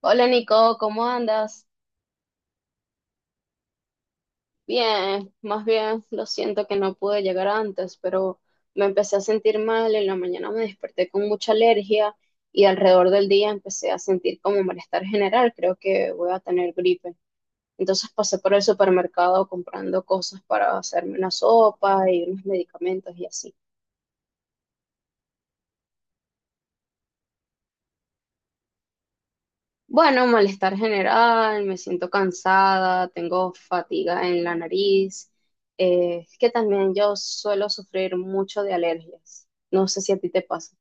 Hola Nico, ¿cómo andas? Bien, más bien, lo siento que no pude llegar antes, pero me empecé a sentir mal, en la mañana me desperté con mucha alergia y alrededor del día empecé a sentir como malestar general, creo que voy a tener gripe. Entonces pasé por el supermercado comprando cosas para hacerme una sopa y unos medicamentos y así. Bueno, malestar general, me siento cansada, tengo fatiga en la nariz, es que también yo suelo sufrir mucho de alergias. No sé si a ti te pasa.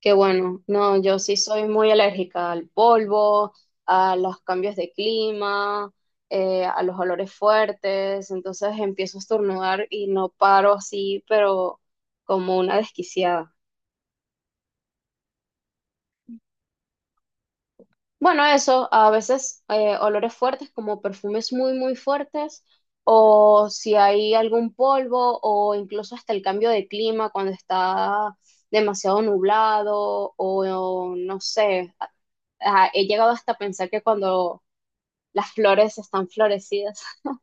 Que bueno, no, yo sí soy muy alérgica al polvo, a los cambios de clima, a los olores fuertes, entonces empiezo a estornudar y no paro así, pero como una desquiciada. Bueno, eso, a veces olores fuertes como perfumes muy, muy fuertes, o si hay algún polvo, o incluso hasta el cambio de clima cuando está demasiado nublado, o, no sé, he llegado hasta a pensar que cuando las flores están florecidas.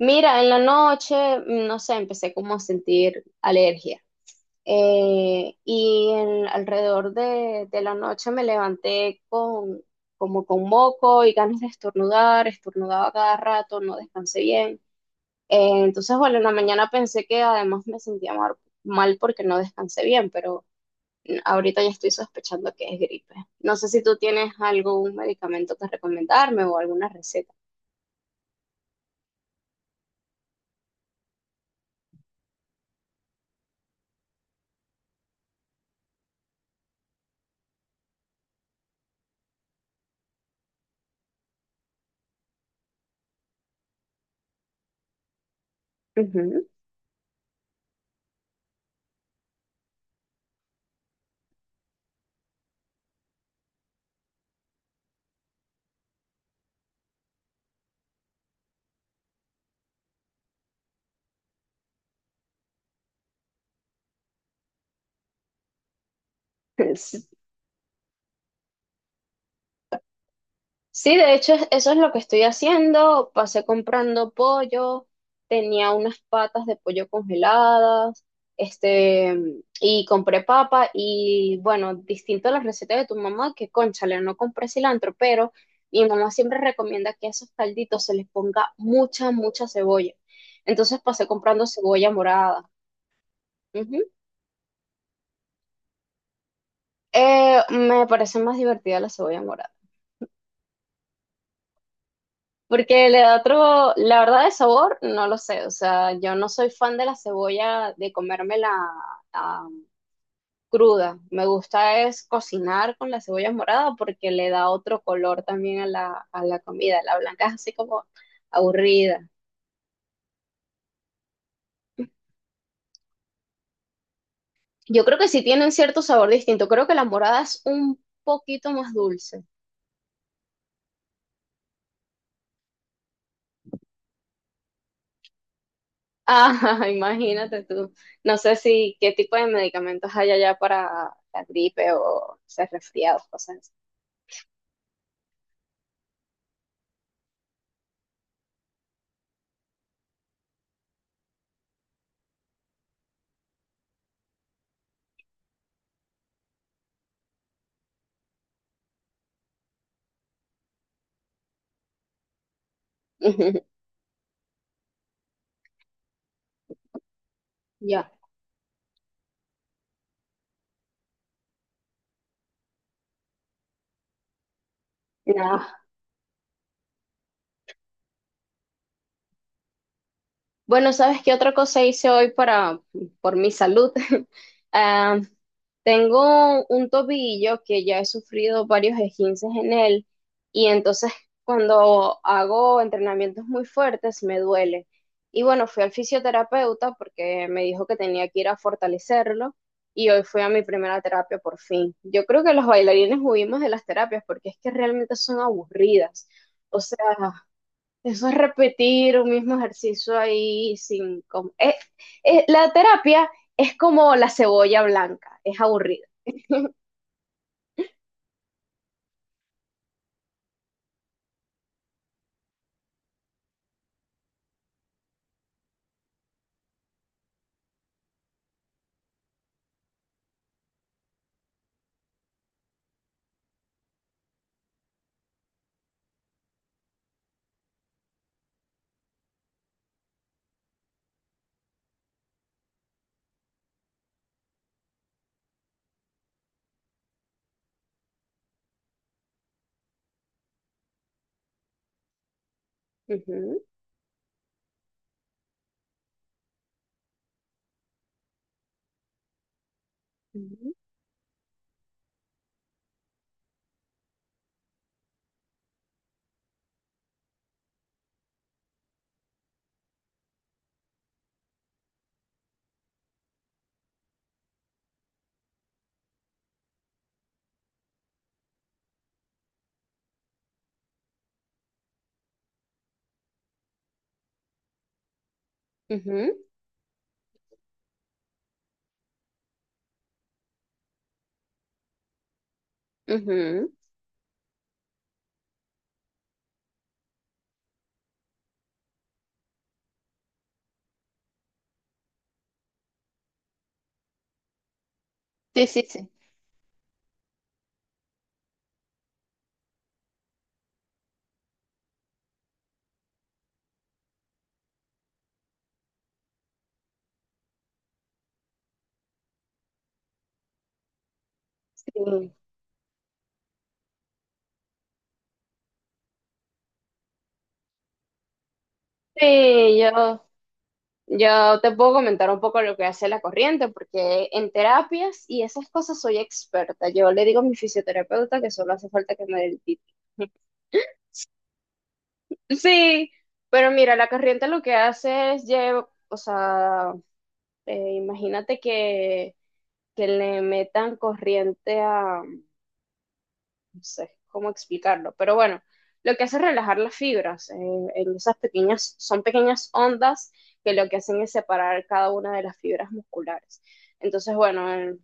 Mira, en la noche, no sé, empecé como a sentir alergia. Y alrededor de la noche me levanté como con moco y ganas de estornudar, estornudaba cada rato, no descansé bien. Entonces, bueno, en la mañana pensé que además me sentía mal porque no descansé bien, pero ahorita ya estoy sospechando que es gripe. No sé si tú tienes algún medicamento que recomendarme o alguna receta. Ujú. Sí, de hecho, eso es lo que estoy haciendo. Pasé comprando pollo, tenía unas patas de pollo congeladas, este, y compré papa y bueno, distinto a las recetas de tu mamá, que cónchale, no compré cilantro, pero mi mamá siempre recomienda que a esos calditos se les ponga mucha, mucha cebolla. Entonces pasé comprando cebolla morada. Ujú. Me parece más divertida la cebolla morada. Porque le da otro, la verdad de sabor, no lo sé. O sea, yo no soy fan de la cebolla, de comérmela ah, cruda. Me gusta es cocinar con la cebolla morada porque le da otro color también a la comida. La blanca es así como aburrida. Yo creo que sí tienen cierto sabor distinto. Creo que la morada es un poquito más dulce. Ah, imagínate tú. No sé si qué tipo de medicamentos hay allá para la gripe o ser resfriados, cosas así. Ya. No. Bueno, ¿sabes qué otra cosa hice hoy para, por mi salud? Ah, tengo un tobillo que ya he sufrido varios esguinces en él y entonces cuando hago entrenamientos muy fuertes me duele. Y bueno, fui al fisioterapeuta porque me dijo que tenía que ir a fortalecerlo y hoy fui a mi primera terapia por fin. Yo creo que los bailarines huimos de las terapias porque es que realmente son aburridas. O sea, eso es repetir un mismo ejercicio ahí sin la terapia es como la cebolla blanca, es aburrida. Ujú, ujú, ujú, ujú. Sí, sí, sí. Sí, sí, yo te puedo comentar un poco lo que hace la corriente, porque en terapias y esas cosas soy experta. Yo le digo a mi fisioterapeuta que solo hace falta que me dé el título. Sí, pero mira, la corriente lo que hace es llevar, o sea, imagínate que, le metan corriente a, no sé cómo explicarlo, pero bueno, lo que hace es relajar las fibras, en esas pequeñas, son pequeñas ondas que lo que hacen es separar cada una de las fibras musculares. Entonces, bueno,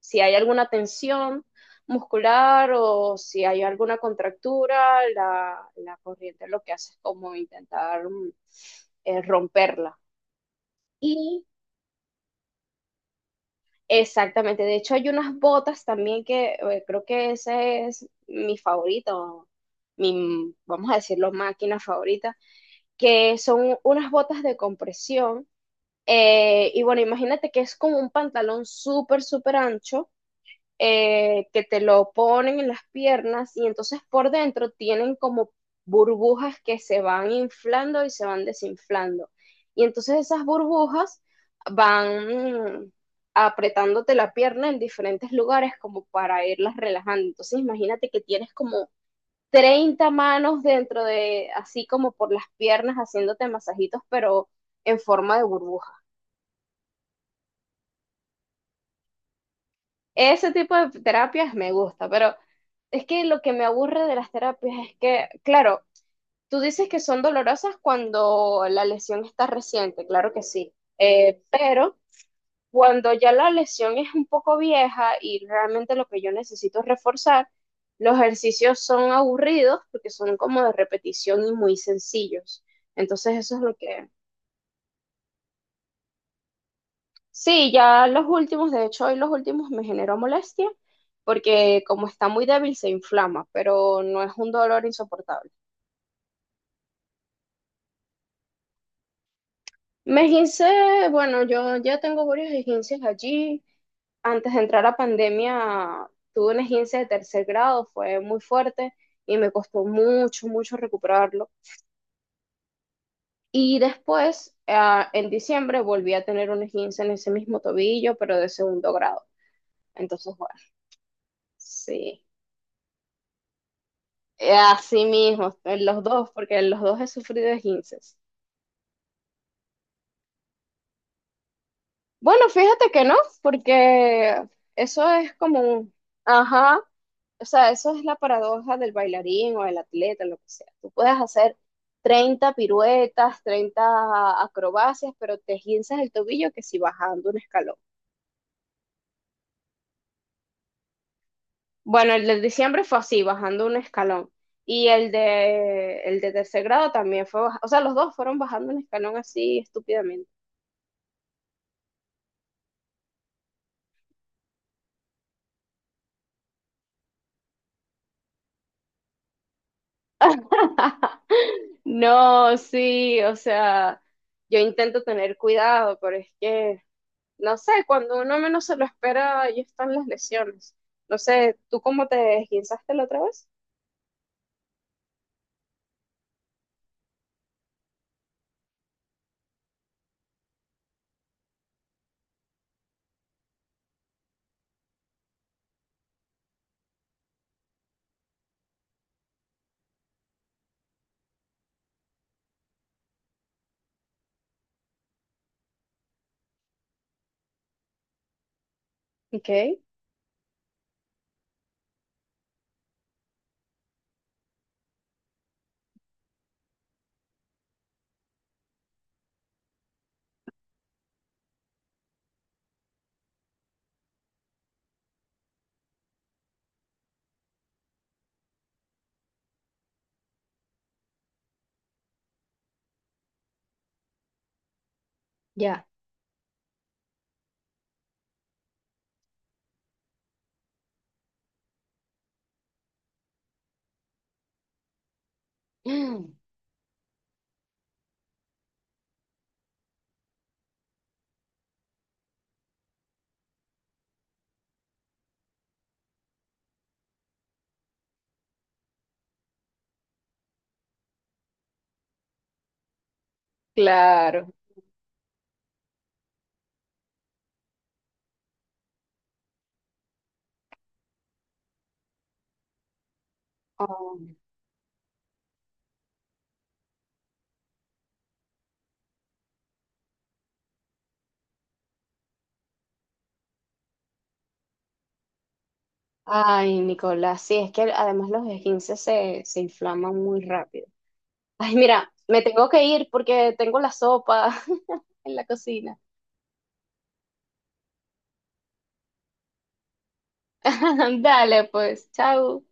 si hay alguna tensión muscular o si hay alguna contractura, la corriente lo que hace es como intentar romperla. Y exactamente, de hecho hay unas botas también que creo que ese es mi favorito, mi, vamos a decirlo, máquina favorita, que son unas botas de compresión. Y bueno, imagínate que es como un pantalón súper, súper ancho que te lo ponen en las piernas y entonces por dentro tienen como burbujas que se van inflando y se van desinflando. Y entonces esas burbujas van apretándote la pierna en diferentes lugares como para irlas relajando. Entonces imagínate que tienes como 30 manos dentro de, así como por las piernas, haciéndote masajitos, pero en forma de burbuja. Ese tipo de terapias me gusta, pero es que lo que me aburre de las terapias es que, claro, tú dices que son dolorosas cuando la lesión está reciente, claro que sí, pero cuando ya la lesión es un poco vieja y realmente lo que yo necesito es reforzar, los ejercicios son aburridos porque son como de repetición y muy sencillos. Entonces eso es lo que. Sí, ya los últimos, de hecho, hoy los últimos me generó molestia porque como está muy débil se inflama, pero no es un dolor insoportable. Me esguincé, bueno, yo ya tengo varios esguinces allí. Antes de entrar a pandemia tuve un esguince de tercer grado, fue muy fuerte y me costó mucho, mucho recuperarlo. Y después, ah, en diciembre, volví a tener un esguince en ese mismo tobillo, pero de segundo grado. Entonces, bueno, sí. Así mismo, en los dos, porque en los dos he sufrido esguinces. Bueno, fíjate que no, porque eso es como un. Ajá, o sea, eso es la paradoja del bailarín o del atleta, lo que sea. Tú puedes hacer 30 piruetas, 30 acrobacias, pero te esguinces el tobillo que si bajando un escalón. Bueno, el de diciembre fue así, bajando un escalón. Y el de tercer grado también fue, o sea, los dos fueron bajando un escalón así estúpidamente. No, sí, o sea, yo intento tener cuidado, pero es que, no sé, cuando uno menos se lo espera, ahí están las lesiones. No sé, ¿tú cómo te esguinzaste la otra vez? Ok, ya. Mm, claro. Oh, ay, Nicolás, sí, es que además los esguinces se inflaman muy rápido. Ay, mira, me tengo que ir porque tengo la sopa en la cocina. Dale, pues, chao.